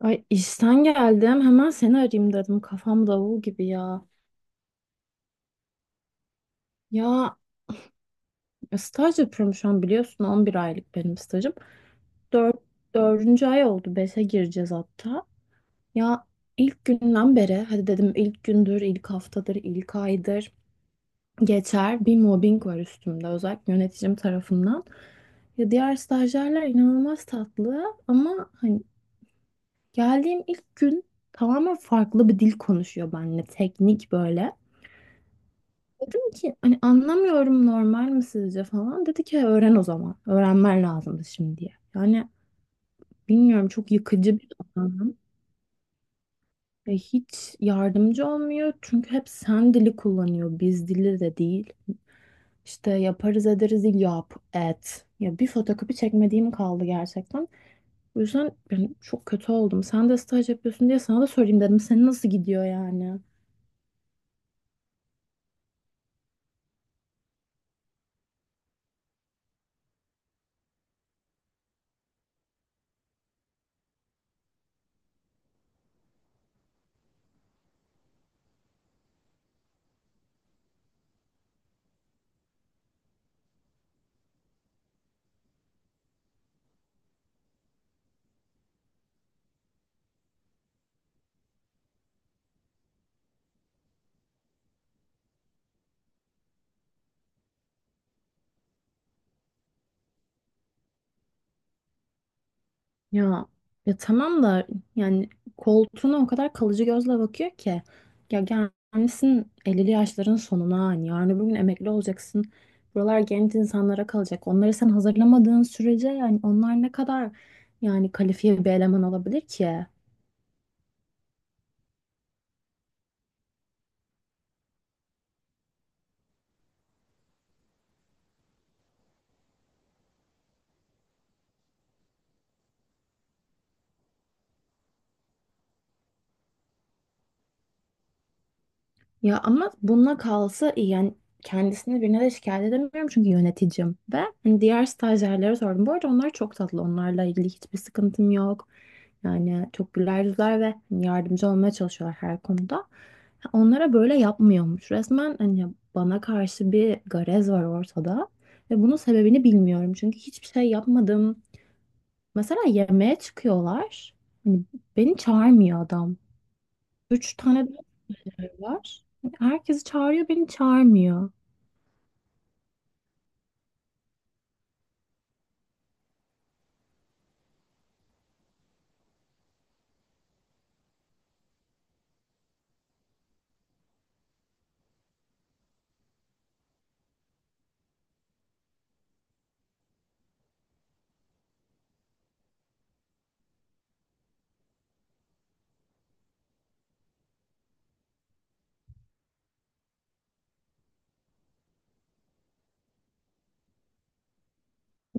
Ay işten geldim. Hemen seni arayayım dedim. Kafam davul gibi ya. Ya staj yapıyorum şu an biliyorsun. 11 aylık benim stajım. 4 Dördüncü ay oldu. 5'e gireceğiz hatta. Ya ilk günden beri hadi dedim, ilk gündür, ilk haftadır, ilk aydır geçer. Bir mobbing var üstümde. Özellikle yöneticim tarafından. Ya diğer stajyerler inanılmaz tatlı ama hani geldiğim ilk gün tamamen farklı bir dil konuşuyor benimle. Teknik böyle. Dedim ki hani anlamıyorum, normal mi sizce falan. Dedi ki öğren o zaman. Öğrenmen lazımdı şimdiye. Yani bilmiyorum, çok yıkıcı bir adam. Ve hiç yardımcı olmuyor. Çünkü hep sen dili kullanıyor. Biz dili de değil. İşte yaparız ederiz değil, yap et. Ya bir fotokopi çekmediğim kaldı gerçekten. O yüzden ben çok kötü oldum. Sen de staj yapıyorsun diye sana da sorayım dedim. Senin nasıl gidiyor yani? Ya ya tamam da, yani koltuğuna o kadar kalıcı gözle bakıyor ki, ya gelmişsin 50'li yaşların sonuna, hani yarın öbür gün emekli olacaksın. Buralar genç insanlara kalacak. Onları sen hazırlamadığın sürece yani onlar ne kadar yani kalifiye bir eleman olabilir ki? Ya ama bununla kalsa iyi. Yani kendisini birine de şikayet edemiyorum çünkü yöneticim. Ve hani diğer stajyerlere sordum. Bu arada onlar çok tatlı. Onlarla ilgili hiçbir sıkıntım yok. Yani çok güler yüzler ve hani yardımcı olmaya çalışıyorlar her konuda. Onlara böyle yapmıyormuş. Resmen hani bana karşı bir garez var ortada. Ve bunun sebebini bilmiyorum. Çünkü hiçbir şey yapmadım. Mesela yemeğe çıkıyorlar. Hani beni çağırmıyor adam. 3 tane daha stajyer var. Herkesi çağırıyor, beni çağırmıyor.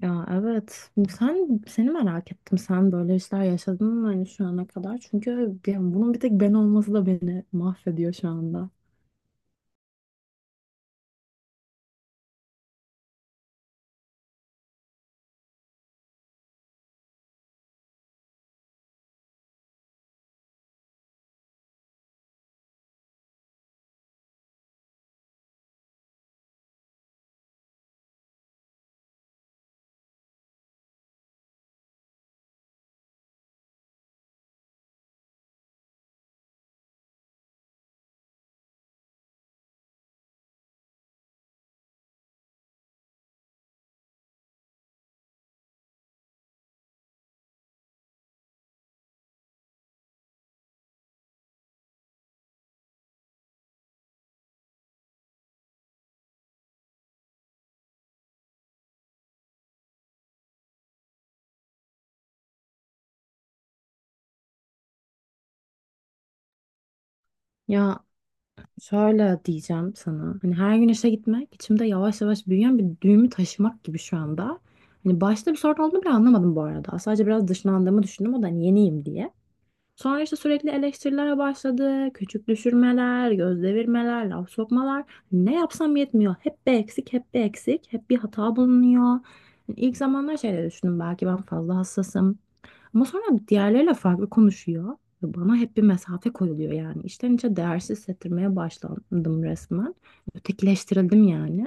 Ya evet. Sen, seni merak ettim. Sen böyle işler yaşadın mı hani şu ana kadar? Çünkü ya bunun bir tek ben olması da beni mahvediyor şu anda. Ya şöyle diyeceğim sana. Hani her gün işe gitmek içimde yavaş yavaş büyüyen bir düğümü taşımak gibi şu anda. Hani başta bir sorun olduğunu bile anlamadım bu arada. Sadece biraz dışlandığımı düşündüm. O da hani yeniyim diye. Sonra işte sürekli eleştirilere başladı. Küçük düşürmeler, göz devirmeler, laf sokmalar. Ne yapsam yetmiyor. Hep bir eksik, hep bir eksik, hep bir hata bulunuyor. Yani İlk zamanlar şeyleri düşündüm, belki ben fazla hassasım. Ama sonra diğerleriyle farklı konuşuyor. Ve bana hep bir mesafe koyuluyor yani. İçten içe değersiz hissettirmeye başlandım resmen. Ötekileştirildim yani.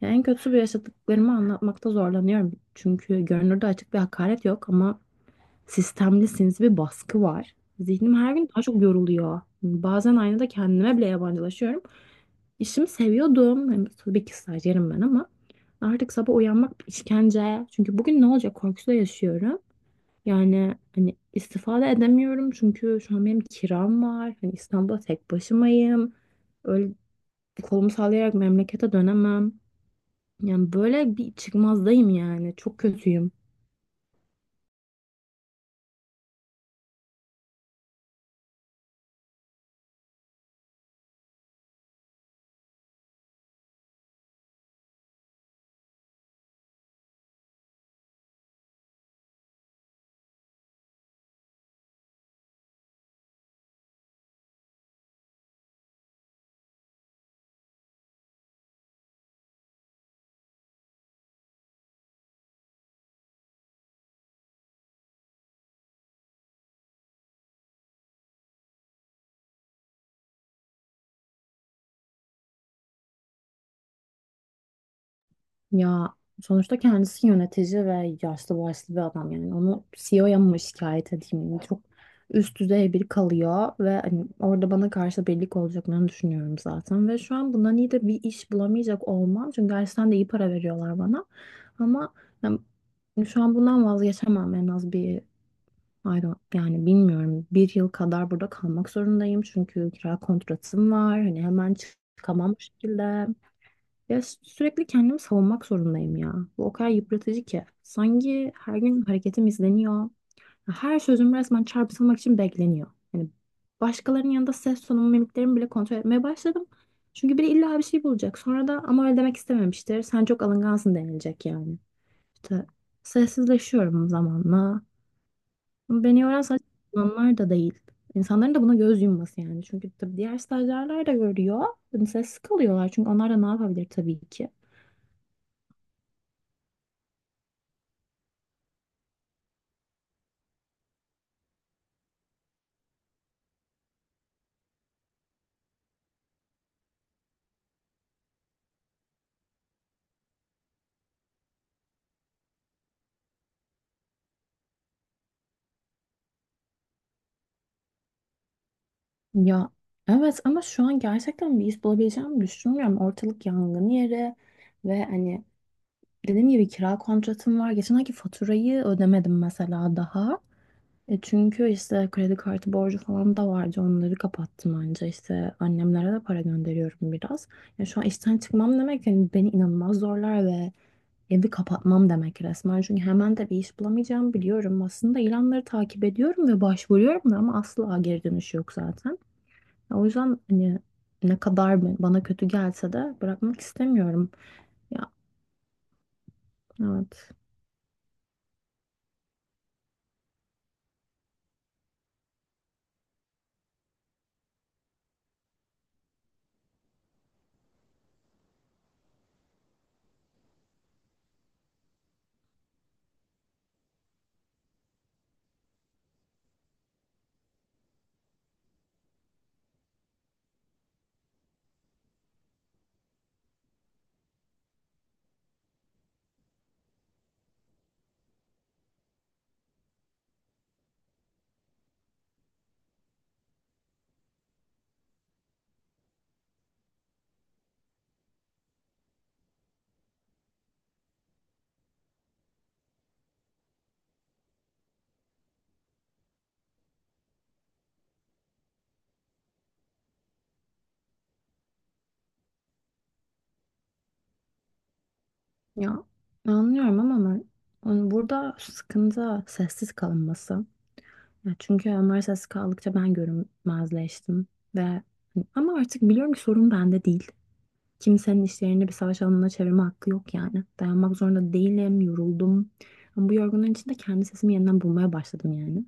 Ya en kötüsü, bu yaşadıklarımı anlatmakta zorlanıyorum. Çünkü görünürde açık bir hakaret yok ama sistemlisiniz bir baskı var. Zihnim her gün daha çok yoruluyor. Bazen aynada kendime bile yabancılaşıyorum. İşimi seviyordum. Hani tabii ki stajyerim ben ama artık sabah uyanmak bir işkence. Çünkü bugün ne olacak korkusuyla yaşıyorum. Yani hani istifade edemiyorum çünkü şu an benim kiram var. Hani İstanbul'da tek başımayım. Öyle kolumu sallayarak memlekete dönemem. Yani böyle bir çıkmazdayım yani. Çok kötüyüm. Ya sonuçta kendisi yönetici ve yaşlı başlı bir adam, yani onu CEO'ya mı şikayet edeyim? Yani çok üst düzey biri kalıyor ve hani orada bana karşı birlik olacaklarını düşünüyorum zaten, ve şu an bundan iyi de bir iş bulamayacak olmam çünkü gerçekten de iyi para veriyorlar bana, ama yani şu an bundan vazgeçemem. En az bir I don't- yani bilmiyorum, bir yıl kadar burada kalmak zorundayım, çünkü kira kontratım var, hani hemen çıkamam bu şekilde. Ya sürekli kendimi savunmak zorundayım ya. Bu o kadar yıpratıcı ki. Sanki her gün hareketim izleniyor. Her sözüm resmen çarpıtılmak için bekleniyor. Yani başkalarının yanında ses tonumu, mimiklerimi bile kontrol etmeye başladım. Çünkü biri illa bir şey bulacak. Sonra da, ama öyle demek istememiştir, sen çok alıngansın denilecek yani. İşte sessizleşiyorum zamanla. Ama beni yoran sadece uzmanlar da değil. İnsanların da buna göz yumması yani. Çünkü tabii diğer stajyerler de görüyor. Hani sessiz kalıyorlar. Çünkü onlar da ne yapabilir tabii ki. Ya evet, ama şu an gerçekten bir iş bulabileceğimi düşünmüyorum. Ortalık yangın yeri ve hani dediğim gibi kira kontratım var. Geçen ayki faturayı ödemedim mesela daha. Çünkü işte kredi kartı borcu falan da vardı. Onları kapattım anca. İşte annemlere de para gönderiyorum biraz. Ya şu an işten çıkmam demek yani beni inanılmaz zorlar ve evi kapatmam demek resmen. Çünkü hemen de bir iş bulamayacağım, biliyorum. Aslında ilanları takip ediyorum ve başvuruyorum da, ama asla geri dönüş yok zaten. O yüzden hani ne kadar bana kötü gelse de bırakmak istemiyorum. Ya evet. Ya anlıyorum ama ben, yani burada sıkıntı sessiz kalınması. Ya çünkü onlar sessiz kaldıkça ben görünmezleştim ve hani, ama artık biliyorum ki sorun bende değil. Kimsenin işlerini bir savaş alanına çevirme hakkı yok yani. Dayanmak zorunda değilim, yoruldum. Ama bu yorgunluğun içinde kendi sesimi yeniden bulmaya başladım yani.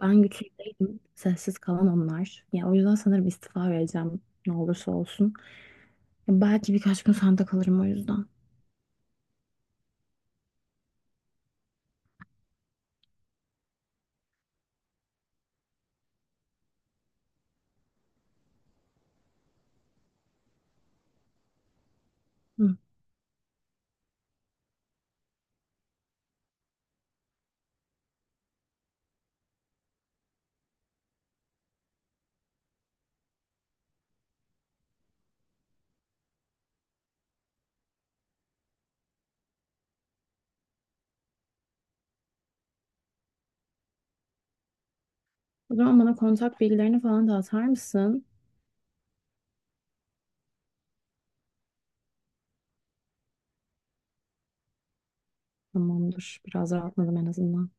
Ben güçlü değilim, sessiz kalan onlar. Ya o yüzden sanırım istifa vereceğim, ne olursa olsun. Ya belki birkaç gün sende kalırım o yüzden. Hı. O zaman bana kontak bilgilerini falan da atar mısın? Tamamdır. Biraz rahatladım en azından.